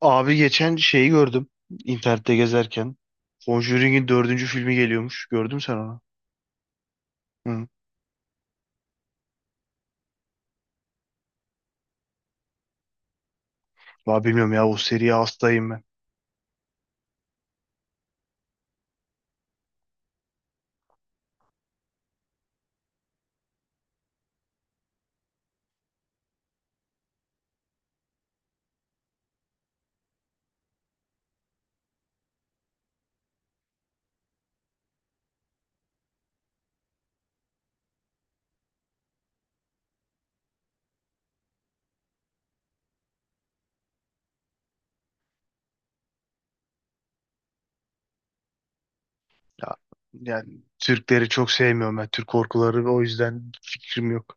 Abi geçen şeyi gördüm. İnternette gezerken Conjuring'in dördüncü filmi geliyormuş. Gördün mü sen onu? Hı. Vallahi bilmiyorum ya, o seriye hastayım ben. Ya, yani Türkleri çok sevmiyorum ben. Türk korkuları ve o yüzden fikrim yok.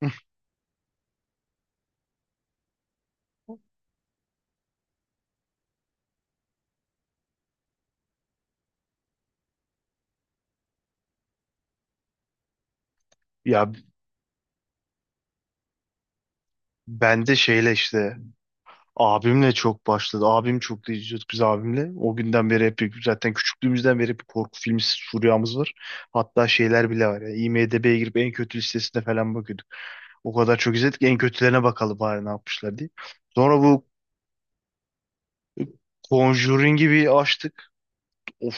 Ya, ben de şeyle işte abimle çok başladı. Abim, çok da izliyorduk biz abimle. O günden beri hep, zaten küçüklüğümüzden beri hep korku filmi furyamız var. Hatta şeyler bile var. Ya, IMDb'ye girip en kötü listesine falan bakıyorduk. O kadar çok izledik. En kötülerine bakalım bari ne yapmışlar diye. Sonra bu Conjuring'i bir açtık. Of,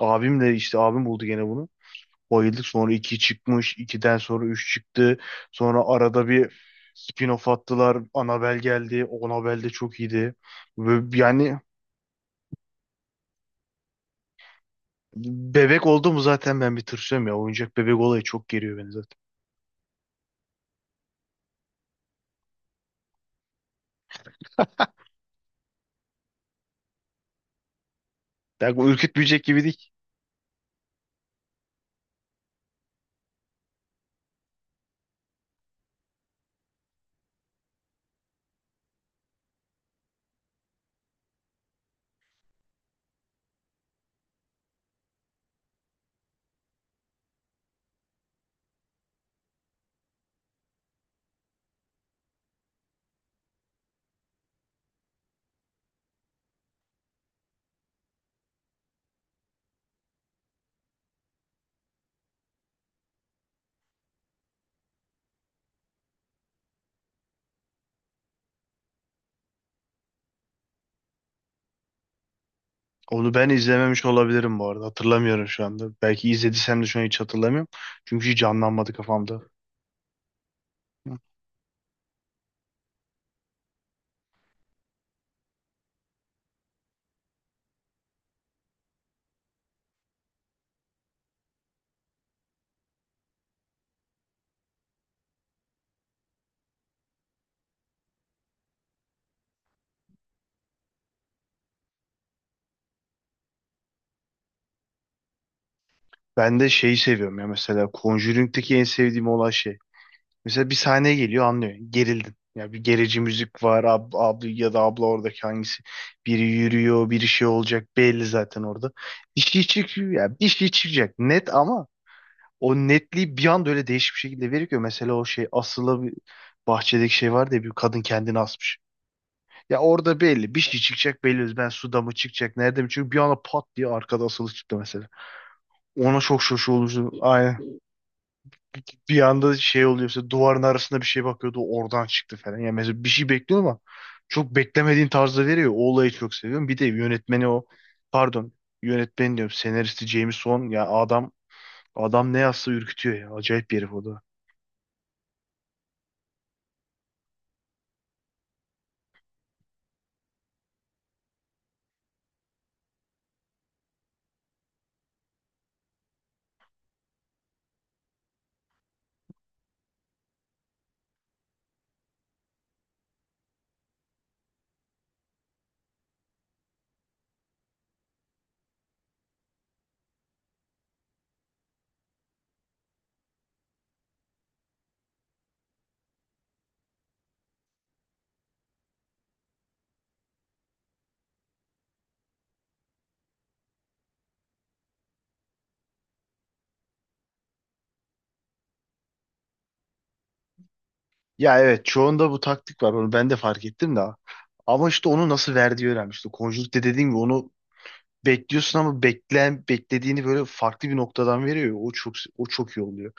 abim de işte, abim buldu gene bunu. Bayıldık. Sonra 2 çıkmış. 2'den sonra 3 çıktı. Sonra arada bir spin-off attılar. Annabelle geldi. Annabelle de çok iyiydi. Ve yani bebek oldu mu zaten ben bir tırsıyorum ya. Oyuncak bebek olayı çok geriyor beni zaten. Belki ürkütmeyecek gibi değil. Onu ben izlememiş olabilirim bu arada. Hatırlamıyorum şu anda. Belki izlediysem de şu an hiç hatırlamıyorum. Çünkü hiç canlanmadı kafamda. Ben de şeyi seviyorum ya, mesela Conjuring'deki en sevdiğim olay şey. Mesela bir sahneye geliyor, anlıyor, gerildin. Ya, bir gerici müzik var, abi ya da abla oradaki, hangisi. Biri yürüyor, biri şey olacak belli zaten orada. Bir şey çıkıyor ya, bir şey çıkacak net, ama o netliği bir anda öyle değişik bir şekilde veriyor ki. Mesela o şey asılı, bir bahçedeki şey var diye, bir kadın kendini asmış. Ya orada belli, bir şey çıkacak belli. Ben suda mı çıkacak, nerede mi? Çünkü bir anda pat diye arkada asılı çıktı mesela. Ona çok şaşırmıştım. Aynen. Bir anda şey oluyor, işte duvarın arasında bir şey bakıyordu, oradan çıktı falan. Yani mesela bir şey bekliyor ama çok beklemediğin tarzda veriyor. O olayı çok seviyorum. Bir de yönetmeni o, pardon, yönetmeni diyorum, senaristi James Wan, ya adam, ne yazsa ürkütüyor ya. Acayip bir herif o da. Ya evet, çoğunda bu taktik var, onu ben de fark ettim de. Ama işte onu nasıl verdiği önemli. İşte Conjuring'de dediğim gibi onu bekliyorsun ama beklediğini böyle farklı bir noktadan veriyor. O çok, o çok iyi oluyor.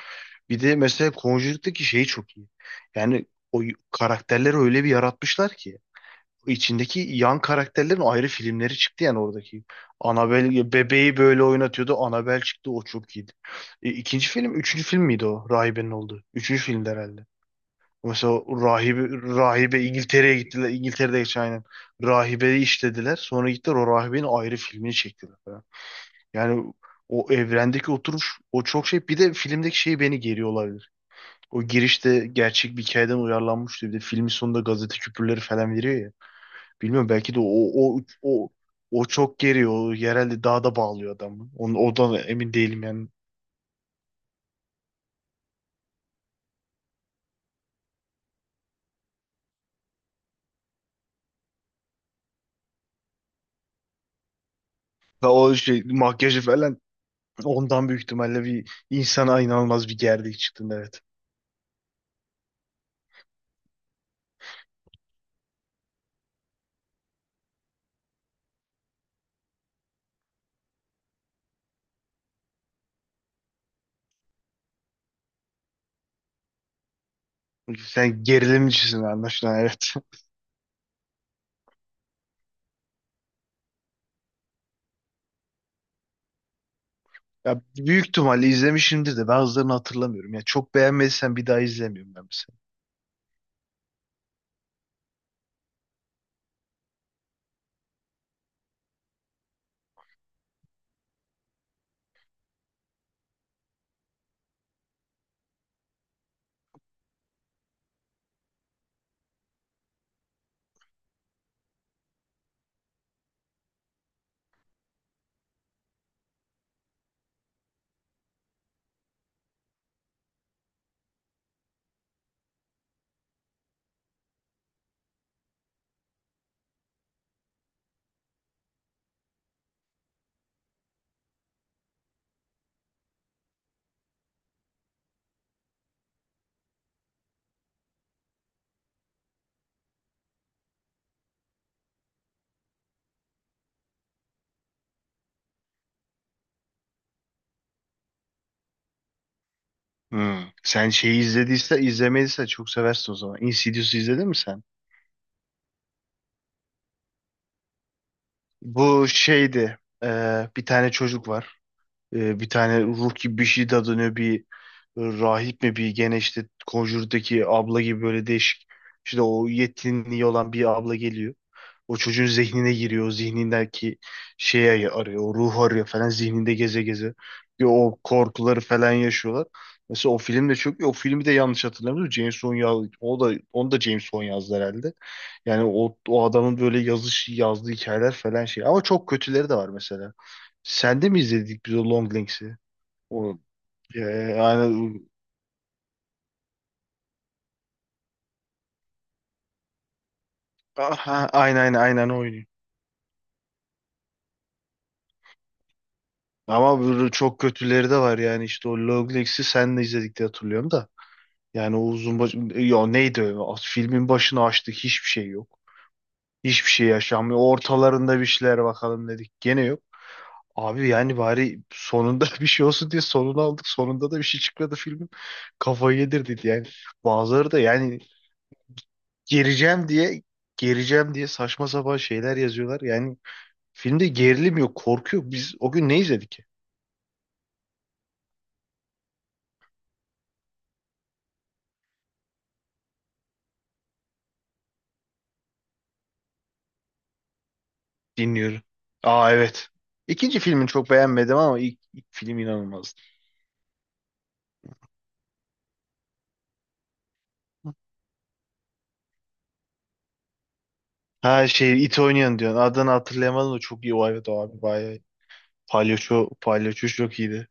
Bir de mesela Conjuring'deki şey çok iyi. Yani karakterleri öyle bir yaratmışlar ki içindeki yan karakterlerin ayrı filmleri çıktı yani oradaki. Annabelle bebeği böyle oynatıyordu. Annabelle çıktı, o çok iyiydi. İkinci film, üçüncü film miydi o? Rahibenin olduğu. Üçüncü filmdi herhalde. Mesela o rahibe, İngiltere'ye gittiler. İngiltere'de geçen, aynen. Rahibeyi işlediler. Sonra gittiler, o rahibenin ayrı filmini çektiler falan. Yani o evrendeki oturuş, o çok şey. Bir de filmdeki şey beni geriyor, o girişte gerçek bir hikayeden uyarlanmıştı. Bir de filmin sonunda gazete küpürleri falan veriyor ya. Bilmiyorum, belki de o o o çok geriyor. O yerelde dağda bağlıyor adamı. Onu, oradan emin değilim yani. Ve o şey, makyajı falan, ondan büyük ihtimalle bir insana inanılmaz bir gerdik, çıktın, evet. Sen gerilimcisin anlaşılan, evet. Ya büyük ihtimalle izlemişimdir de bazılarını hatırlamıyorum. Ya çok beğenmediysen bir daha izlemiyorum ben mesela. Hmm. Sen şeyi, izlediyse izlemediyse çok seversin o zaman. Insidious'u izledin mi sen? Bu şeydi. Bir tane çocuk var. Bir tane ruh gibi bir şey de dönüyor, bir rahip mi bir, gene işte Conjure'daki abla gibi, böyle değişik, işte o yetinliği olan bir abla geliyor. O çocuğun zihnine giriyor. O zihnindeki şeyi arıyor. O ruhu arıyor falan, zihninde geze geze. Bir o korkuları falan yaşıyorlar. Mesela o film de çok iyi. O filmi de, yanlış hatırlamıyorum, James Wan yaz- o da onu da James Wan yazdı herhalde. Yani o adamın böyle yazdığı hikayeler falan şey. Ama çok kötüleri de var mesela. Sen de mi izledik biz o Long Links'i? O e, aynen Aha, aynen o oynuyor. Ama böyle çok kötüleri de var yani, işte o Long Links'i sen de izledik diye hatırlıyorum da. Yani o uzun baş... Ya neydi o? Filmin başını açtık, hiçbir şey yok. Hiçbir şey yaşanmıyor. Ortalarında bir şeyler bakalım dedik. Gene yok. Abi yani bari sonunda bir şey olsun diye sonunu aldık. Sonunda da bir şey çıkmadı filmin. Kafayı yedirdik yani. Bazıları da yani gereceğim diye gereceğim diye saçma sapan şeyler yazıyorlar. Yani filmde gerilim yok, korku yok. Biz o gün ne izledik ki? Dinliyorum. Aa, evet. İkinci filmini çok beğenmedim ama ilk film inanılmazdı. Ha, şey it oynayan diyorsun. Adını hatırlayamadım da çok iyi o, evet, o abi bayağı. Palyaço çok iyiydi.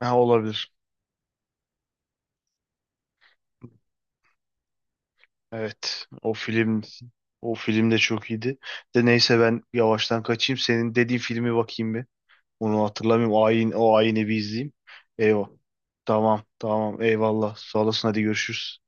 Ha, olabilir. Evet. O film de çok iyiydi. De neyse, ben yavaştan kaçayım. Senin dediğin filmi bakayım bir. Onu hatırlamıyorum. O ayin, o ayini bir izleyeyim. Eyvah. Tamam tamam, eyvallah. Sağ olasın, hadi görüşürüz.